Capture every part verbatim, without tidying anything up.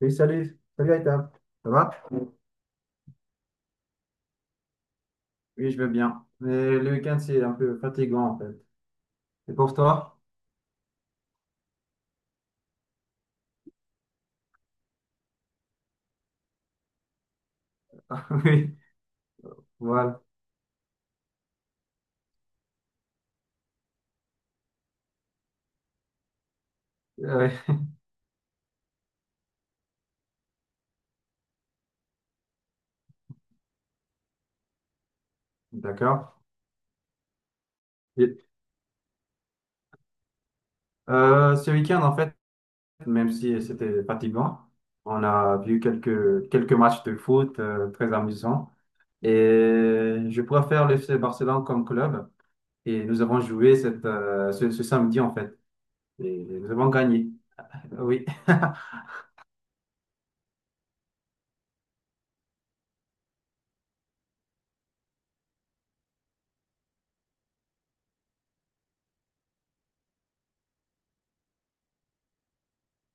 Oui, salut, salut Aïta, ça va? Oui, je vais bien. Mais le week-end, c'est un peu fatigant en fait. Et pour toi? Oui, voilà. Euh, D'accord. Et, euh, ce week-end, en fait, même si c'était fatigant, on a vu quelques, quelques matchs de foot euh, très amusants. Et je préfère l'F C Barcelone comme club. Et nous avons joué cette, euh, ce, ce samedi, en fait. Et nous avons gagné. Oui.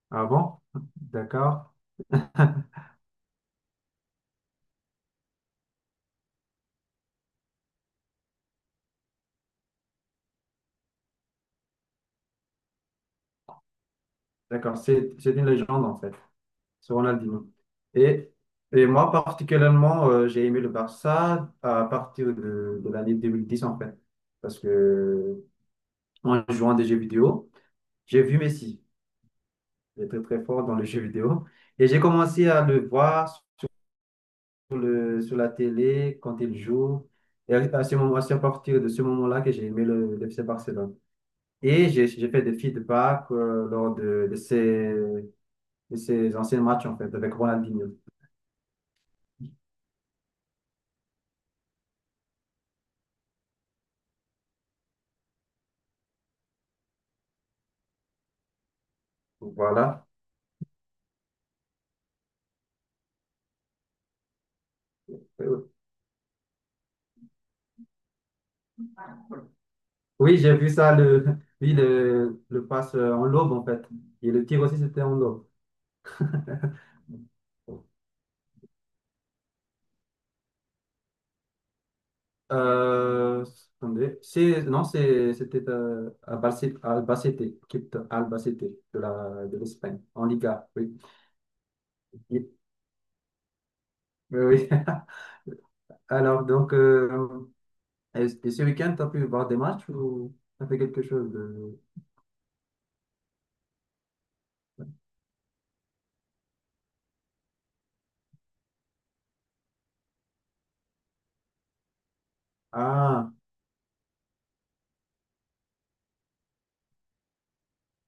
Ah bon? D'accord. D'accord. C'est, c'est une légende, en fait. C'est Ronaldinho. Et, et moi, particulièrement, euh, j'ai aimé le Barça à partir de, de l'année deux mille dix en fait. Parce que, en jouant à des jeux vidéo, j'ai vu Messi. Il est très très fort dans les jeux vidéo. Et j'ai commencé à le voir sur le, sur la télé quand il joue. Et à ce moment, c'est à partir de ce moment-là que j'ai aimé le, le F C Barcelone. Et j'ai j'ai fait des feedbacks euh, lors de, de ces, de ces anciens matchs, en fait, avec Ronaldinho. Voilà. Oui, j'ai vu ça, le, oui, le, le passe euh, en lobe en fait. Et le tir aussi, c'était en lobe. Euh, attendez, c'est, non, c'est, c'était euh, Albacete, Albacete, équipe de Albacete de la, de l'Espagne, en Liga, oui. Oui, oui. Alors, donc, euh, est-ce que ce week-end, tu as pu voir des matchs ou tu as fait quelque chose de... Ah,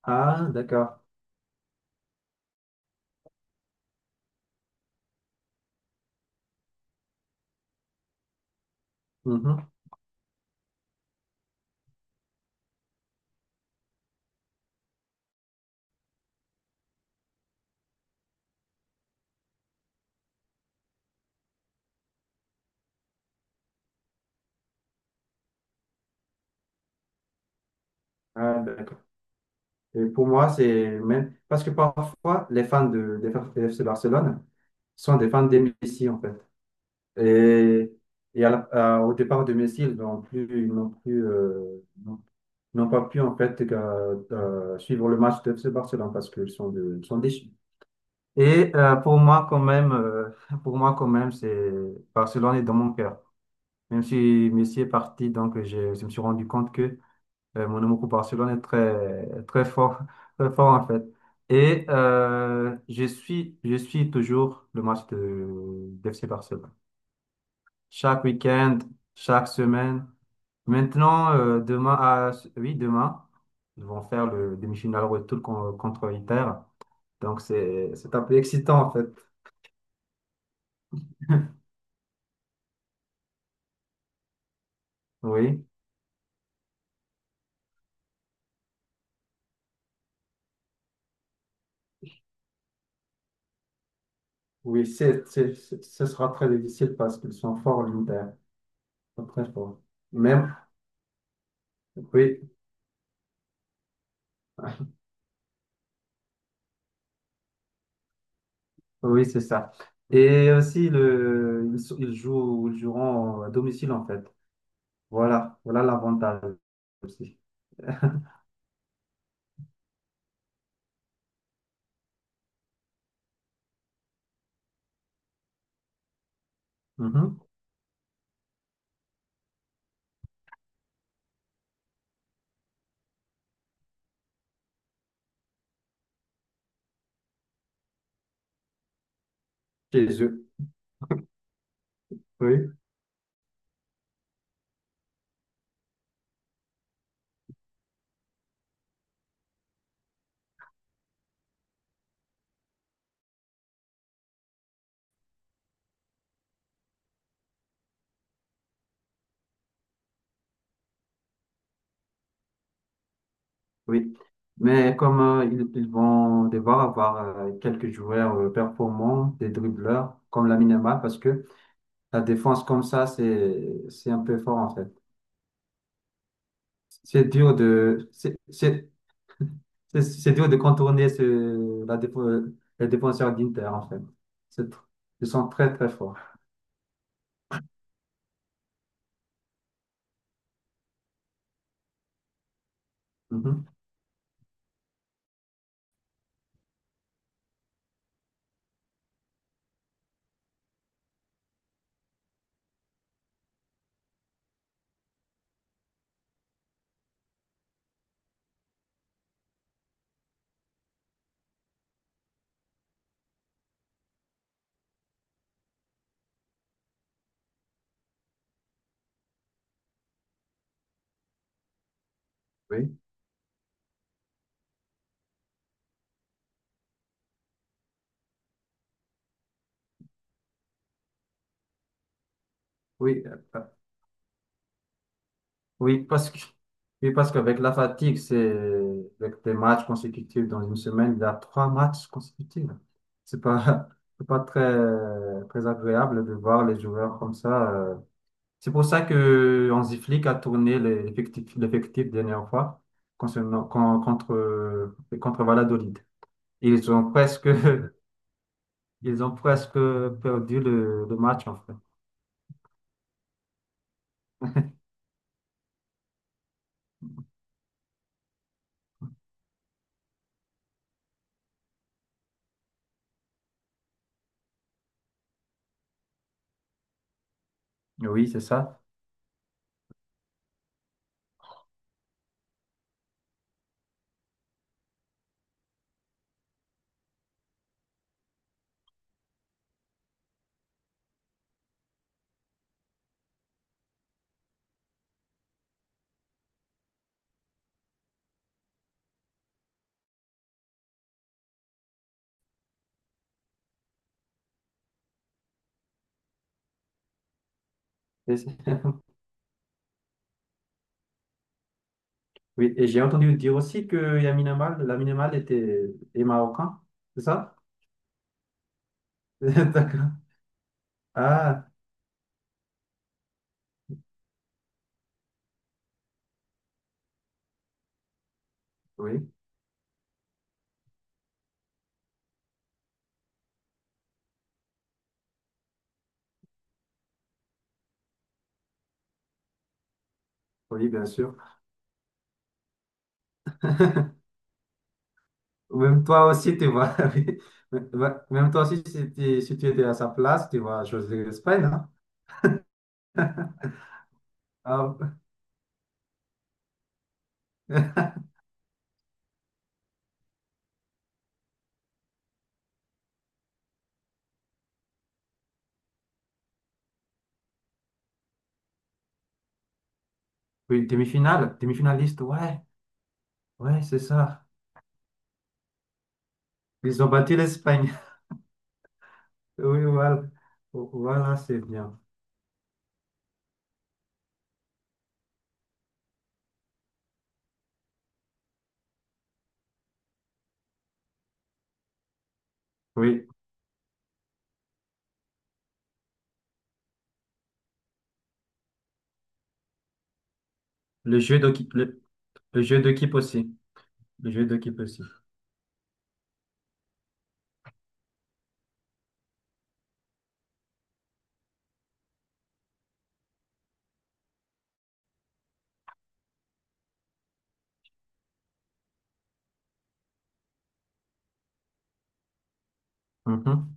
ah, d'accord. Mhm. Ah, d'accord. Et pour moi, c'est même parce que parfois, les fans de, des fans de F C Barcelone sont des fans de Messi, en fait. Et, et à la- à- au départ de Messi, ils n'ont plus, ils n'ont plus, euh, n'ont n'ont pas pu, en fait, euh, euh, suivre le match de F C Barcelone parce qu'ils sont, de- ils sont déçus. Et euh, pour moi, quand même, euh, pour moi, quand même, c'est Barcelone est dans mon cœur. Même si Messi est parti, donc j'ai je me suis rendu compte que euh, Monaco Barcelone est très, très fort, très fort en fait. Et euh, je suis, je suis toujours le match de, d'F C Barcelone. Chaque week-end, chaque semaine. Maintenant, euh, demain, à, oui, demain, ils vont faire le demi-finale retour con- contre Inter. Donc, c'est, c'est un peu excitant en fait. Oui, oui, c'est, c'est, c'est- ce sera très difficile parce qu'ils sont forts, l'Inter. Ils sont très forts. Même, oui. Oui, c'est ça. Et aussi, le, ils, sont- ils jouent, ils joueront à domicile, en fait. Voilà, voilà l'avantage aussi. Mhm. Chez eux. Oui, oui. Mais comme euh, ils, ils vont devoir avoir euh, quelques joueurs euh, performants, des dribbleurs, comme la Yamal, parce que la défense comme ça, c'est, c'est un peu fort, en fait. C'est dur de, c'est, c'est, c'est c'est dur de contourner ce, la défense, les défenseurs d'Inter, en fait. C'est tr- Ils sont très, très forts. Mhm. Oui, oui, euh, euh, oui, parce que, oui, parce qu'avec la fatigue, c'est avec des matchs consécutifs dans une semaine, il y a trois matchs consécutifs. C'est pas, c'est pas très, très agréable de voir les joueurs comme ça. euh. C'est pour ça que Hansi Flick a tourné les- l'effectif, l'effectif dernière fois concernant, con- contre, contre Valladolid. Ils ont presque, ils ont presque perdu le, le match, en fait. Oui, c'est ça. Et c'est- Oui, et j'ai entendu dire aussi que Lamine Yamal, Lamine Yamal était est marocain, c'est ça? D'accord. Ah, oui, oui, bien sûr. Même toi aussi, tu vois. Oui. Même même toi aussi, si tu, si tu étais à sa place, tu vois, José l'Espagne, hein? Ah, oui, demi-finale, demi-finaliste, ouais, ouais, c'est ça. Ils ont battu l'Espagne. Oui, voilà. Voilà, c'est bien. Oui, le jeu d'équipe, le, le jeu d'équipe aussi. Le jeu d'équipe aussi. Mhm.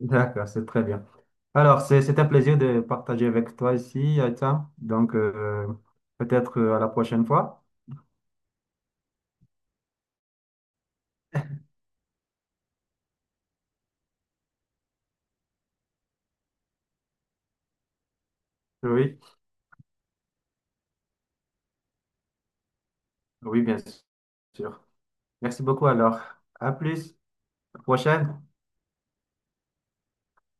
D'accord, c'est très bien. Alors, c'est, c'est un plaisir de partager avec toi ici, Aïta. Donc, euh, peut-être euh, à la prochaine fois. Oui, oui, bien sûr. Merci beaucoup alors. À plus, à la prochaine.